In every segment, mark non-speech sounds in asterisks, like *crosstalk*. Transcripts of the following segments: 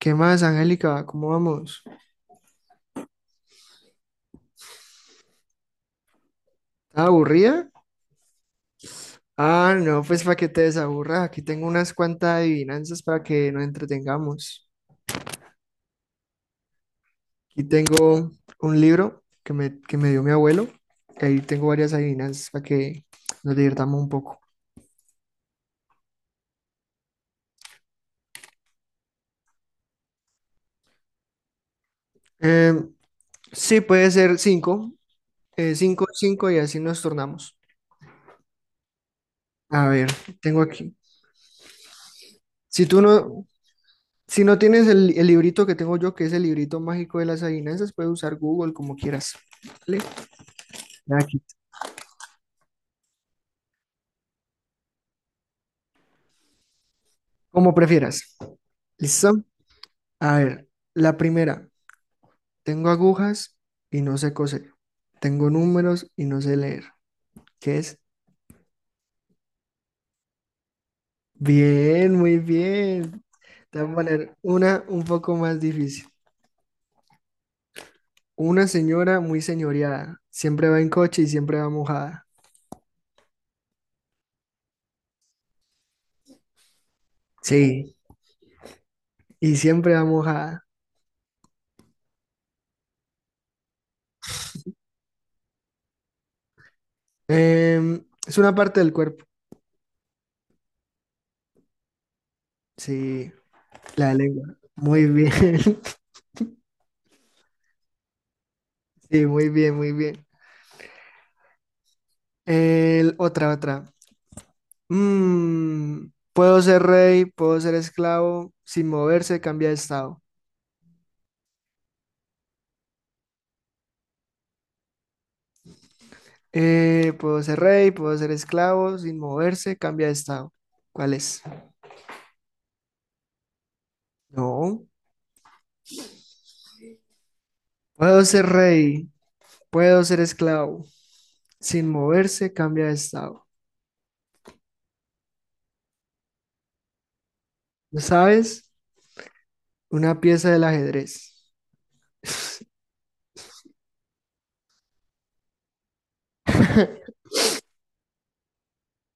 ¿Qué más, Angélica? ¿Cómo vamos? ¿Estás aburrida? Ah, no, pues para que te desaburras. Aquí tengo unas cuantas adivinanzas para que nos entretengamos. Aquí tengo un libro que me dio mi abuelo, y ahí tengo varias adivinanzas para que nos divirtamos un poco. Eh, sí, puede ser cinco. Cinco, cinco, y así nos tornamos. A ver, tengo aquí. Si tú no, si no tienes el librito que tengo yo, que es el librito mágico de las adivinanzas, puedes usar Google como quieras, ¿vale? Aquí. Como prefieras. ¿Listo? A ver, la primera. Tengo agujas y no sé coser. Tengo números y no sé leer. ¿Qué es? Bien, muy bien. Te voy a poner una un poco más difícil. Una señora muy señoreada. Siempre va en coche y siempre va mojada. Sí, y siempre va mojada. Es una parte del cuerpo. Sí, la lengua. Muy bien. *laughs* Sí, muy bien, muy bien. Otra, otra. Mm, Puedo ser rey, puedo ser esclavo, sin moverse, cambia de estado. Puedo ser rey, puedo ser esclavo, sin moverse, cambia de estado. ¿Cuál es? No. Puedo ser rey, puedo ser esclavo, sin moverse, cambia de estado. ¿No? ¿Sabes? Una pieza del ajedrez.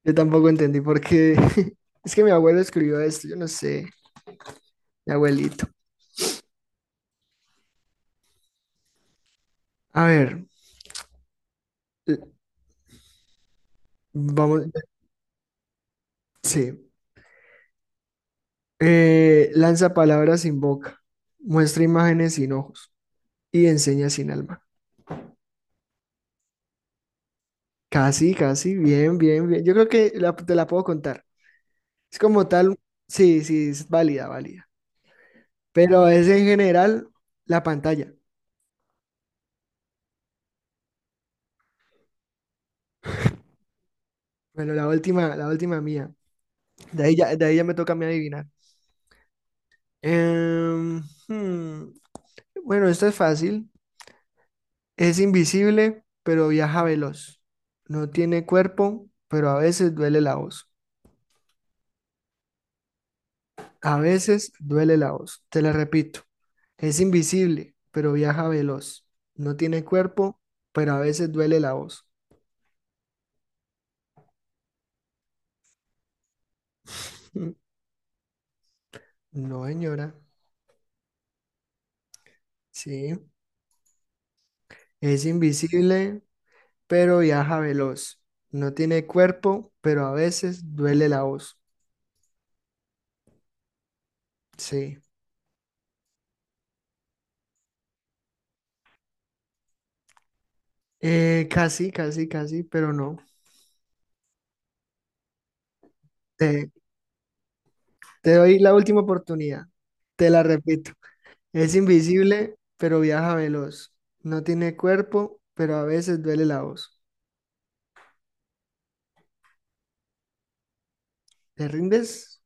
Yo tampoco entendí por qué. *laughs* Es que mi abuelo escribió esto, yo no sé, mi abuelito. A ver, l- vamos, sí. Lanza palabras sin boca, muestra imágenes sin ojos y enseña sin alma. Casi, casi, bien, bien, bien. Yo creo que te la puedo contar. Es como tal, sí, sí, es válida, válida. Pero es en general la pantalla. Bueno, la última mía. De ahí ya me toca a mí adivinar. Em, hmm, Bueno, esto es fácil. Es invisible, pero viaja veloz. No tiene cuerpo, pero a veces duele la voz. A veces duele la voz, te la repito. Es invisible, pero viaja veloz. No tiene cuerpo, pero a veces duele la voz. *laughs* No, señora. Sí. Es invisible, pero viaja veloz. No tiene cuerpo, pero a veces duele la voz. Sí. Casi, casi, casi, pero no. Te, Te doy la última oportunidad. Te la repito. Es invisible, pero viaja veloz. No tiene cuerpo, pero a veces duele la voz. ¿Te rindes?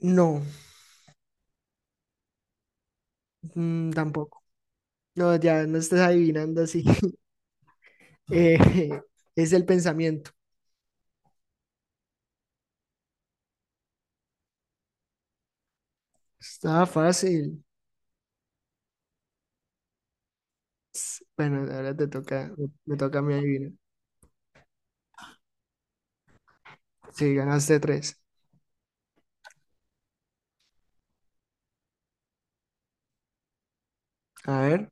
No, tampoco. No, ya no estás adivinando así. *laughs* Eh, es el pensamiento. Estaba fácil. Bueno, ahora te toca, me toca a mí adivinar. Sí, ganaste tres. A ver,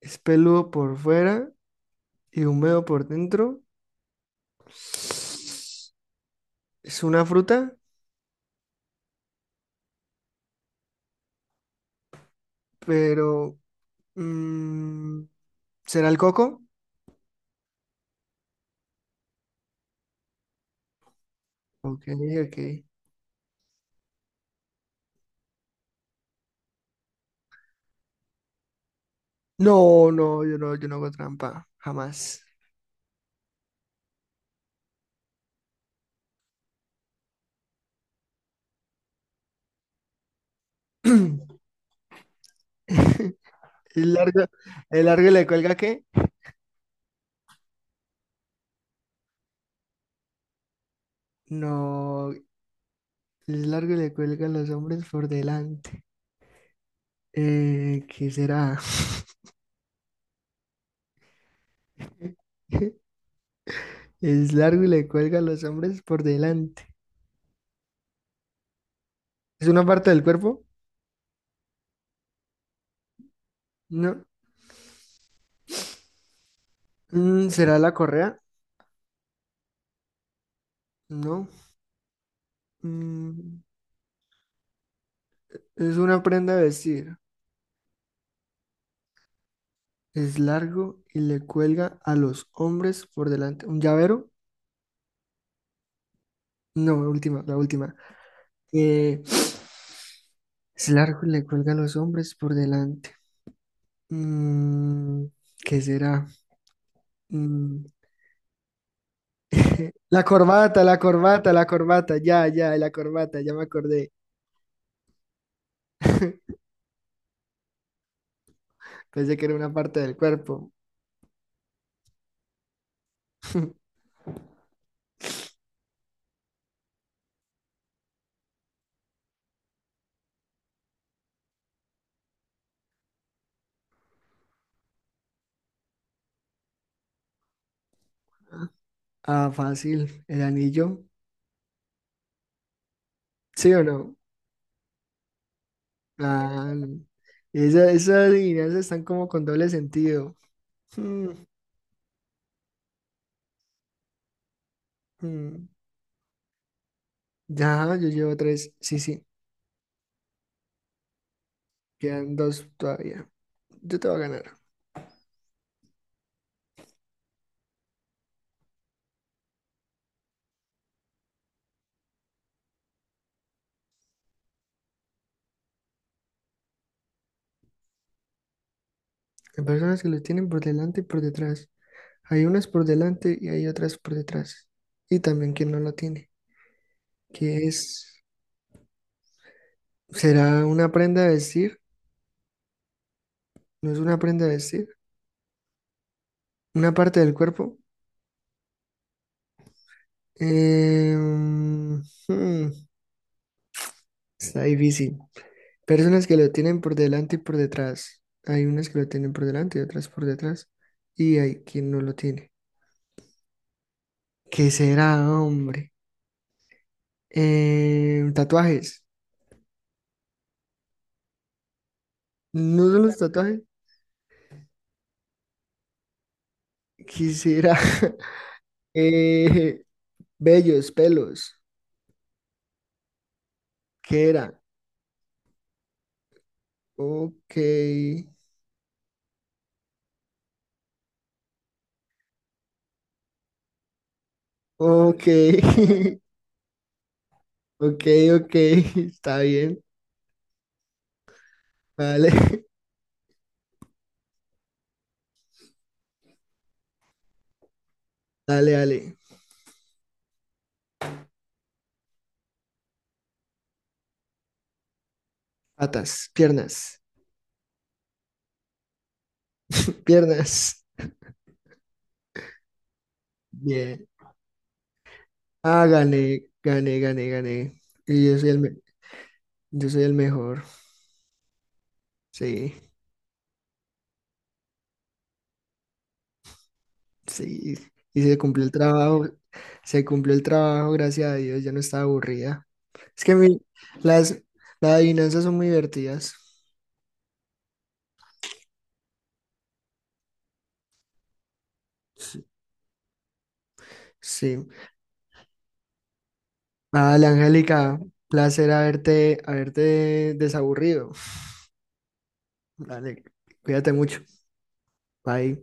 es peludo por fuera y húmedo por dentro. Es una fruta, pero mm, ¿será el coco? Ok, ok. No, no, yo no, yo no hago trampa, jamás. *laughs* *clears throat* El largo, el largo le cuelga ¿qué? No, el largo le cuelga a los hombres por delante. ¿Qué será? *laughs* Es largo y le cuelga a los hombres por delante. ¿Es una parte del cuerpo? No. ¿Será la correa? No. Mm, es una prenda de vestir. Es largo y le cuelga a los hombres por delante. ¿Un llavero? No, la última, la última. Eh, *sniffs* es largo y le cuelga a los hombres por delante. Mm, ¿Qué será? Mm, *laughs* la corbata, la corbata, la corbata, ya, ya, la corbata, ya me acordé. *laughs* Pensé que era una parte del cuerpo. *laughs* Ah, fácil, el anillo. ¿Sí o no? Ah, no. Esas adivinanzas están como con doble sentido. *laughs* Mm, mm. Ya, yo llevo tres. Sí, sí, quedan dos todavía. Yo te voy a ganar. Hay personas que los tienen por delante y por detrás. Hay unas por delante y hay otras por detrás. Y también quien no la tiene, que es, será una prenda de vestir, no es una prenda de vestir, una parte del cuerpo. Em, hmm, está difícil. Personas que lo tienen por delante y por detrás. Hay unas que lo tienen por delante y otras por detrás. Y hay quien no lo tiene. ¿Qué será, hombre? Tatuajes. ¿No son los tatuajes? ¿Qué será? *laughs* Eh, vellos, pelos. ¿Qué era? Ok, ok, *laughs* ok, ok, *laughs* está bien. Vale, *laughs* dale, dale. Patas, piernas, piernas. Bien. Ah, gané, gané, gané, gané. Y yo soy el, yo soy el mejor. Sí, sí. Y se cumplió el trabajo, se cumplió el trabajo, gracias a Dios, ya no estaba aburrida. Es que mi- las, las adivinanzas son muy divertidas. Sí. Sí. Dale, Angélica, placer haberte desaburrido. Dale, cuídate mucho. Bye.